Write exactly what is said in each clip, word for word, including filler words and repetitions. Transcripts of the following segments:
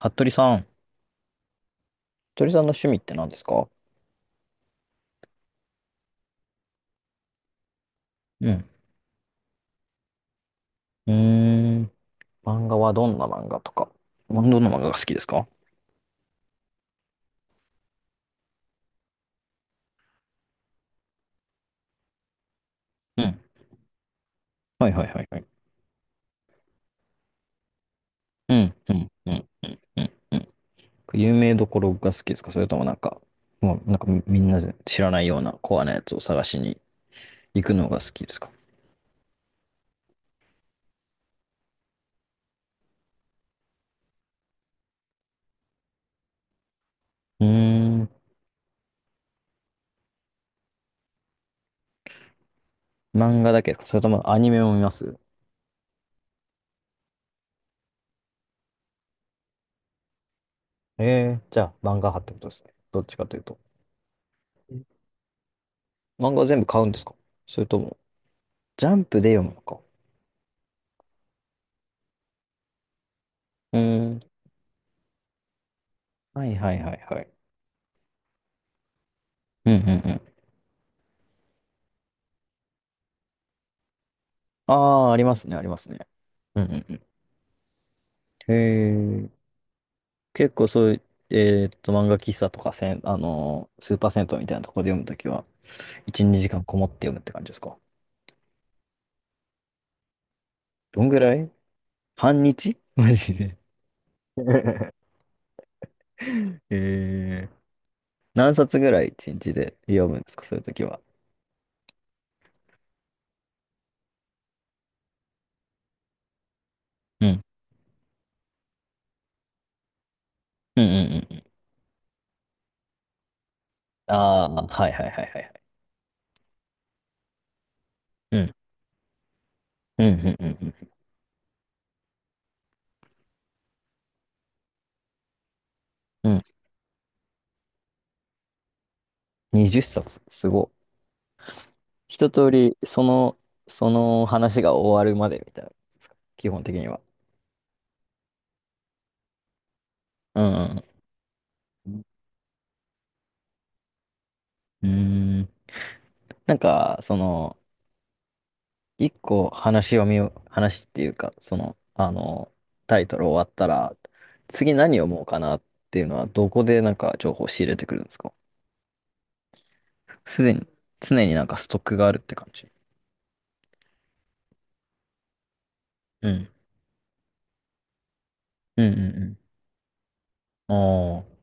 服部さん。鳥さんの趣味って何ですか？うん。うーん。漫画はどんな漫画とか。どんな漫画が好きですか？うん。はいはいはいはい。うん、うん、うん、うん、うん。うん。有名どころが好きですか？それともなんか、もうなんかみみんな知らないようなコアなやつを探しに行くのが好きですか？うーん。漫画だけですか？それともアニメも見ます？ええー、じゃあ漫画派ってことですね。どっちかというと。漫画全部買うんですか？それとも、ジャンプで読むのか？うーん。はいはいはいはい。うんうんうん。ああ、ありますね、ありますね。うんうんうん。へえ。結構そういう、えーっと、漫画喫茶とかせん、あのースーパー銭湯みたいなところで読むときは、いち、にじかんこもって読むって感じですか？どんぐらい？半日マジで。えー、何冊ぐらいいちにちで読むんですか？そういうときは。うん。うんうんうんうん。ああ、はいはいはいはいはい。うん。うんうんうんうんうん。にじゅっさつ、すごっ。一通り、その、その話が終わるまでみたいな、基本的には。うんうん。うーん。なんか、その、一個話を見よ、話っていうか、その、あの、タイトル終わったら、次何読もうかなっていうのは、どこでなんか情報を仕入れてくるんですか？すでに、常になんかストックがあるって感じ？うん。うんうんうん。ああ。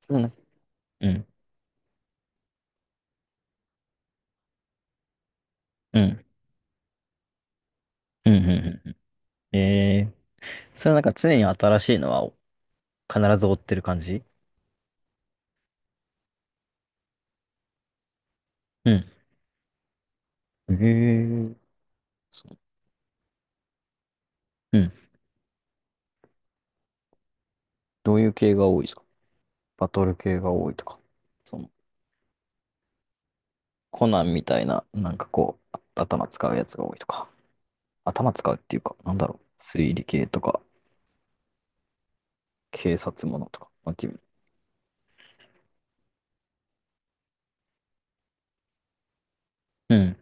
そうね。うん。うん。うんうんうんうん。ええ。それはなんか常に新しいのは必ず追ってる感じ？うん。えー、そう。うん。どういう系が多いですか？バトル系が多いとか。その、コナンみたいな、なんかこう、あ、頭使うやつが多いとか、頭使うっていうか、なんだろう、推理系とか、警察ものとか、まあ、君。うん、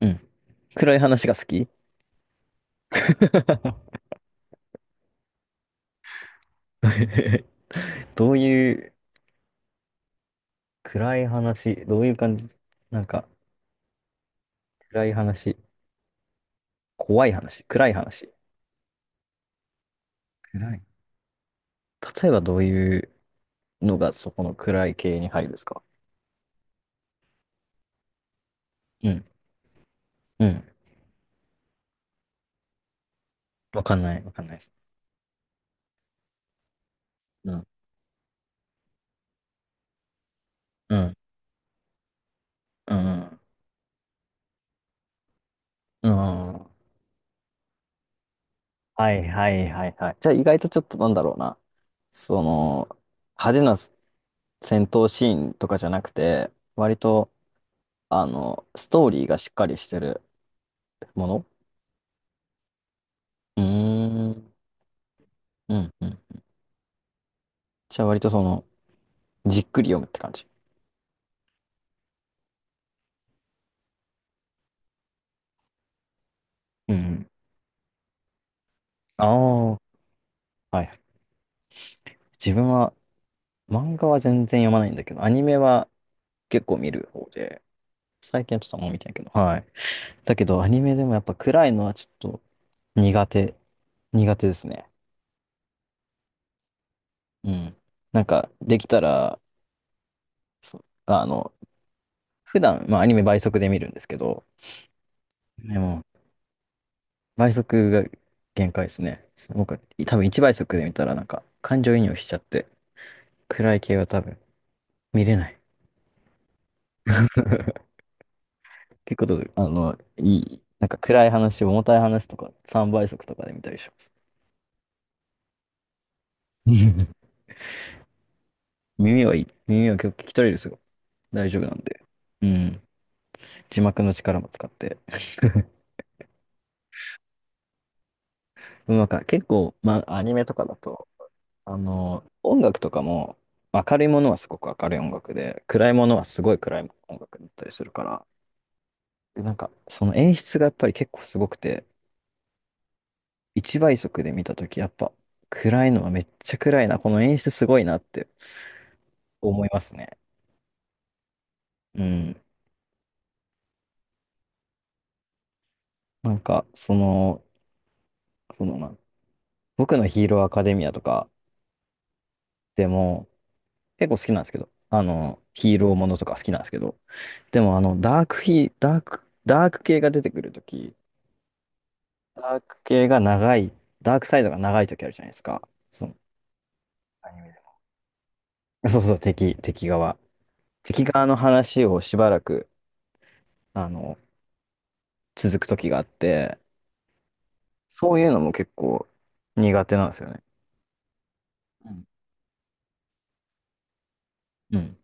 うん。暗い話が好き？ どういう暗い話、どういう感じ、なんか暗い話、怖い話、暗い話。暗い。例えばどういうのがそこの暗い系に入るんですか？うん、うん。わかんない、わかんないです。うん、うん、うん、うん。うん。はいはいはいはい。じゃあ意外とちょっとなんだろうな。その、派手な戦闘シーンとかじゃなくて、割と、あの、ストーリーがしっかりしてるもの。うーん、うん、うん。じゃあ割とその、じっくり読むって感じ。うん。ああ、はい。自分は、漫画は全然読まないんだけど、アニメは結構見る方で、最近はちょっとあんま見てないけど、はい。だけど、アニメでもやっぱ暗いのはちょっと苦手、苦手ですね。うん。なんか、できたら、そう、あの、普段、まあ、アニメ倍速で見るんですけど、でも、倍速が限界ですね。僕、多分いちばい速で見たら、なんか、感情移入しちゃって、暗い系は多分見れない。結構、あの、いい、なんか暗い話、重たい話とか、さんばい速とかで見たりします。耳はいい。耳は結構聞き取れるんですよ。大丈夫なんで。うん。字幕の力も使って。でもなんか結構、まあ、アニメとかだと、あの、音楽とかも、明るいものはすごく明るい音楽で、暗いものはすごい暗い音楽だったりするから、でなんか、その演出がやっぱり結構すごくて、一倍速で見たとき、やっぱ、暗いのはめっちゃ暗いな、この演出すごいなって思いますね。うん。なんか、その、その、まあ、僕のヒーローアカデミアとかでも、結構好きなんですけど、あの、ヒーローものとか好きなんですけど、でもあの、ダークヒーダーク、ダーク系が出てくるとき、ダーク系が長い、ダークサイドが長いときあるじゃないですか。そのアニメで。そうそう、敵、敵側。敵側の話をしばらく、あの、続くときがあって、そういうのも結構苦手なんですよね。うんうん。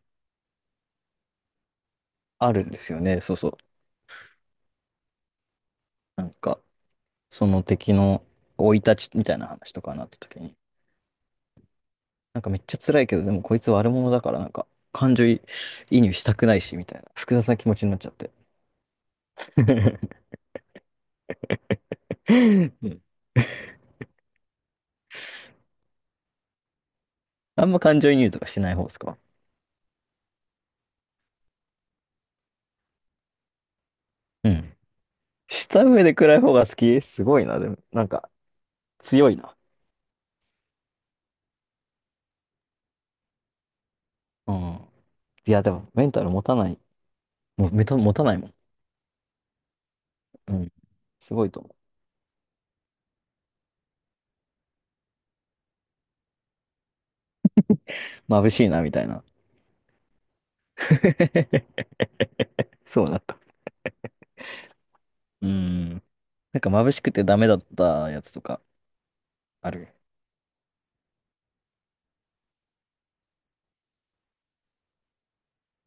あるんですよね、そうそう。なんか、その敵の生い立ちみたいな話とかになったときに、なんかめっちゃ辛いけど、でもこいつ悪者だから、なんか、感情移入したくないし、みたいな、複雑な気持ちになっちゃって。うん。あんま感情移入とかしない方ですか？うん。した上で暗い方が好き、すごいな。でも、なんか、強いな。うん。いや、でも、メンタル持たない。もう、メタ持たないもん。うん。すごいと思う。眩しいな、みたいな。そうなった。うん。なんか、眩しくてダメだったやつとか、ある？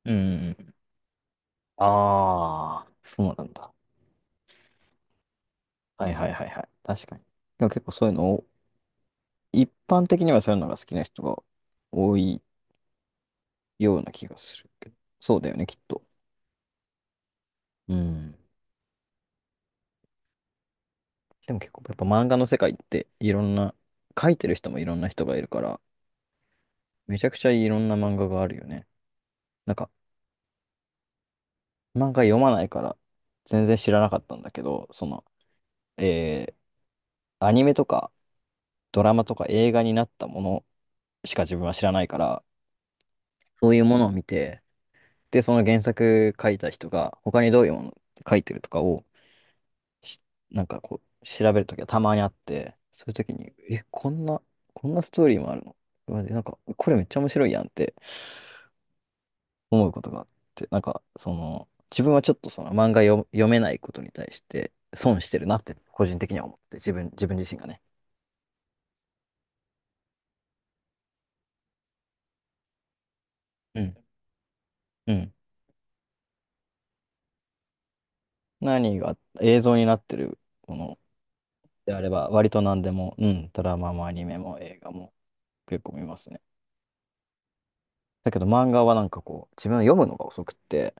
うん。ああ、そうなんだ。はいはいはいはい。確かに。でも結構そういうのを、一般的にはそういうのが好きな人が多いような気がするけど。そうだよね、きっと。うん。でも結構、やっぱ漫画の世界っていろんな、書いてる人もいろんな人がいるから、めちゃくちゃいろんな漫画があるよね。なんか、漫画読まないから、全然知らなかったんだけど、その、えー、アニメとかドラマとか映画になったものしか自分は知らないから、そういうものを見て、で、その原作書いた人が、他にどういうもの書いてるとかをしなんかこう、調べるときはたまにあって、そういうときに、え、こんな、こんなストーリーもあるの？うわ、で、なんか、これめっちゃ面白いやんって思うことがあって、なんか、その、自分はちょっとその漫画読、読めないことに対して損してるなって個人的には思って、自分、自分自身がね。うん。うん。何が映像になってるものであれば、割と何でも、うん、ドラマもアニメも映画も結構見ますね。だけど漫画はなんかこう、自分は読むのが遅くって、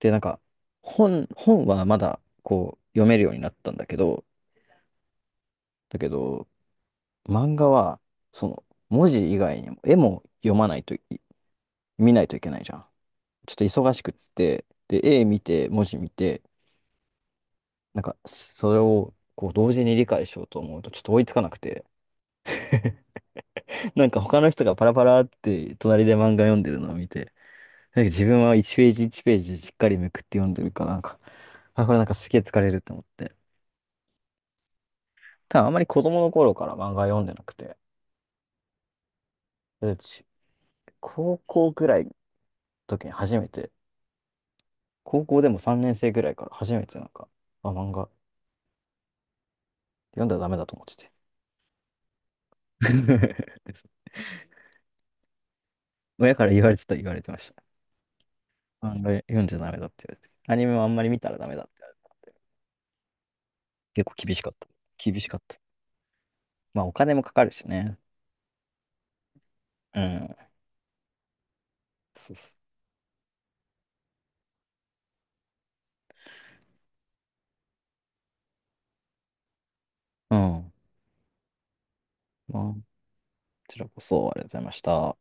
で、なんか、本、本はまだ、こう、読めるようになったんだけど、だけど、漫画は、その、文字以外にも、絵も読まないとい、見ないといけないじゃん。ちょっと忙しくって、で、絵見て、文字見て、なんか、それを、こう、同時に理解しようと思うと、ちょっと追いつかなくて、なんか、他の人がパラパラって、隣で漫画読んでるのを見て、なんか、自分はいちページいちページしっかりめくって読んでるから、なんか、あ、これなんかすげえ疲れると思って。ただあんまり子供の頃から漫画読んでなくて、うち高校ぐらいの時に初めて、高校でもさんねん生ぐらいから初めてなんか、あ、漫画読んだらダメだと思ってて。親から言われてた言われてました。漫画読んじゃダメだって言われて。アニメもあんまり見たらダメだって言われて。結構厳しかった。厳しかった。まあお金もかかるしね。うん。そうそう。ん。まあ、こちらこそありがとうございました。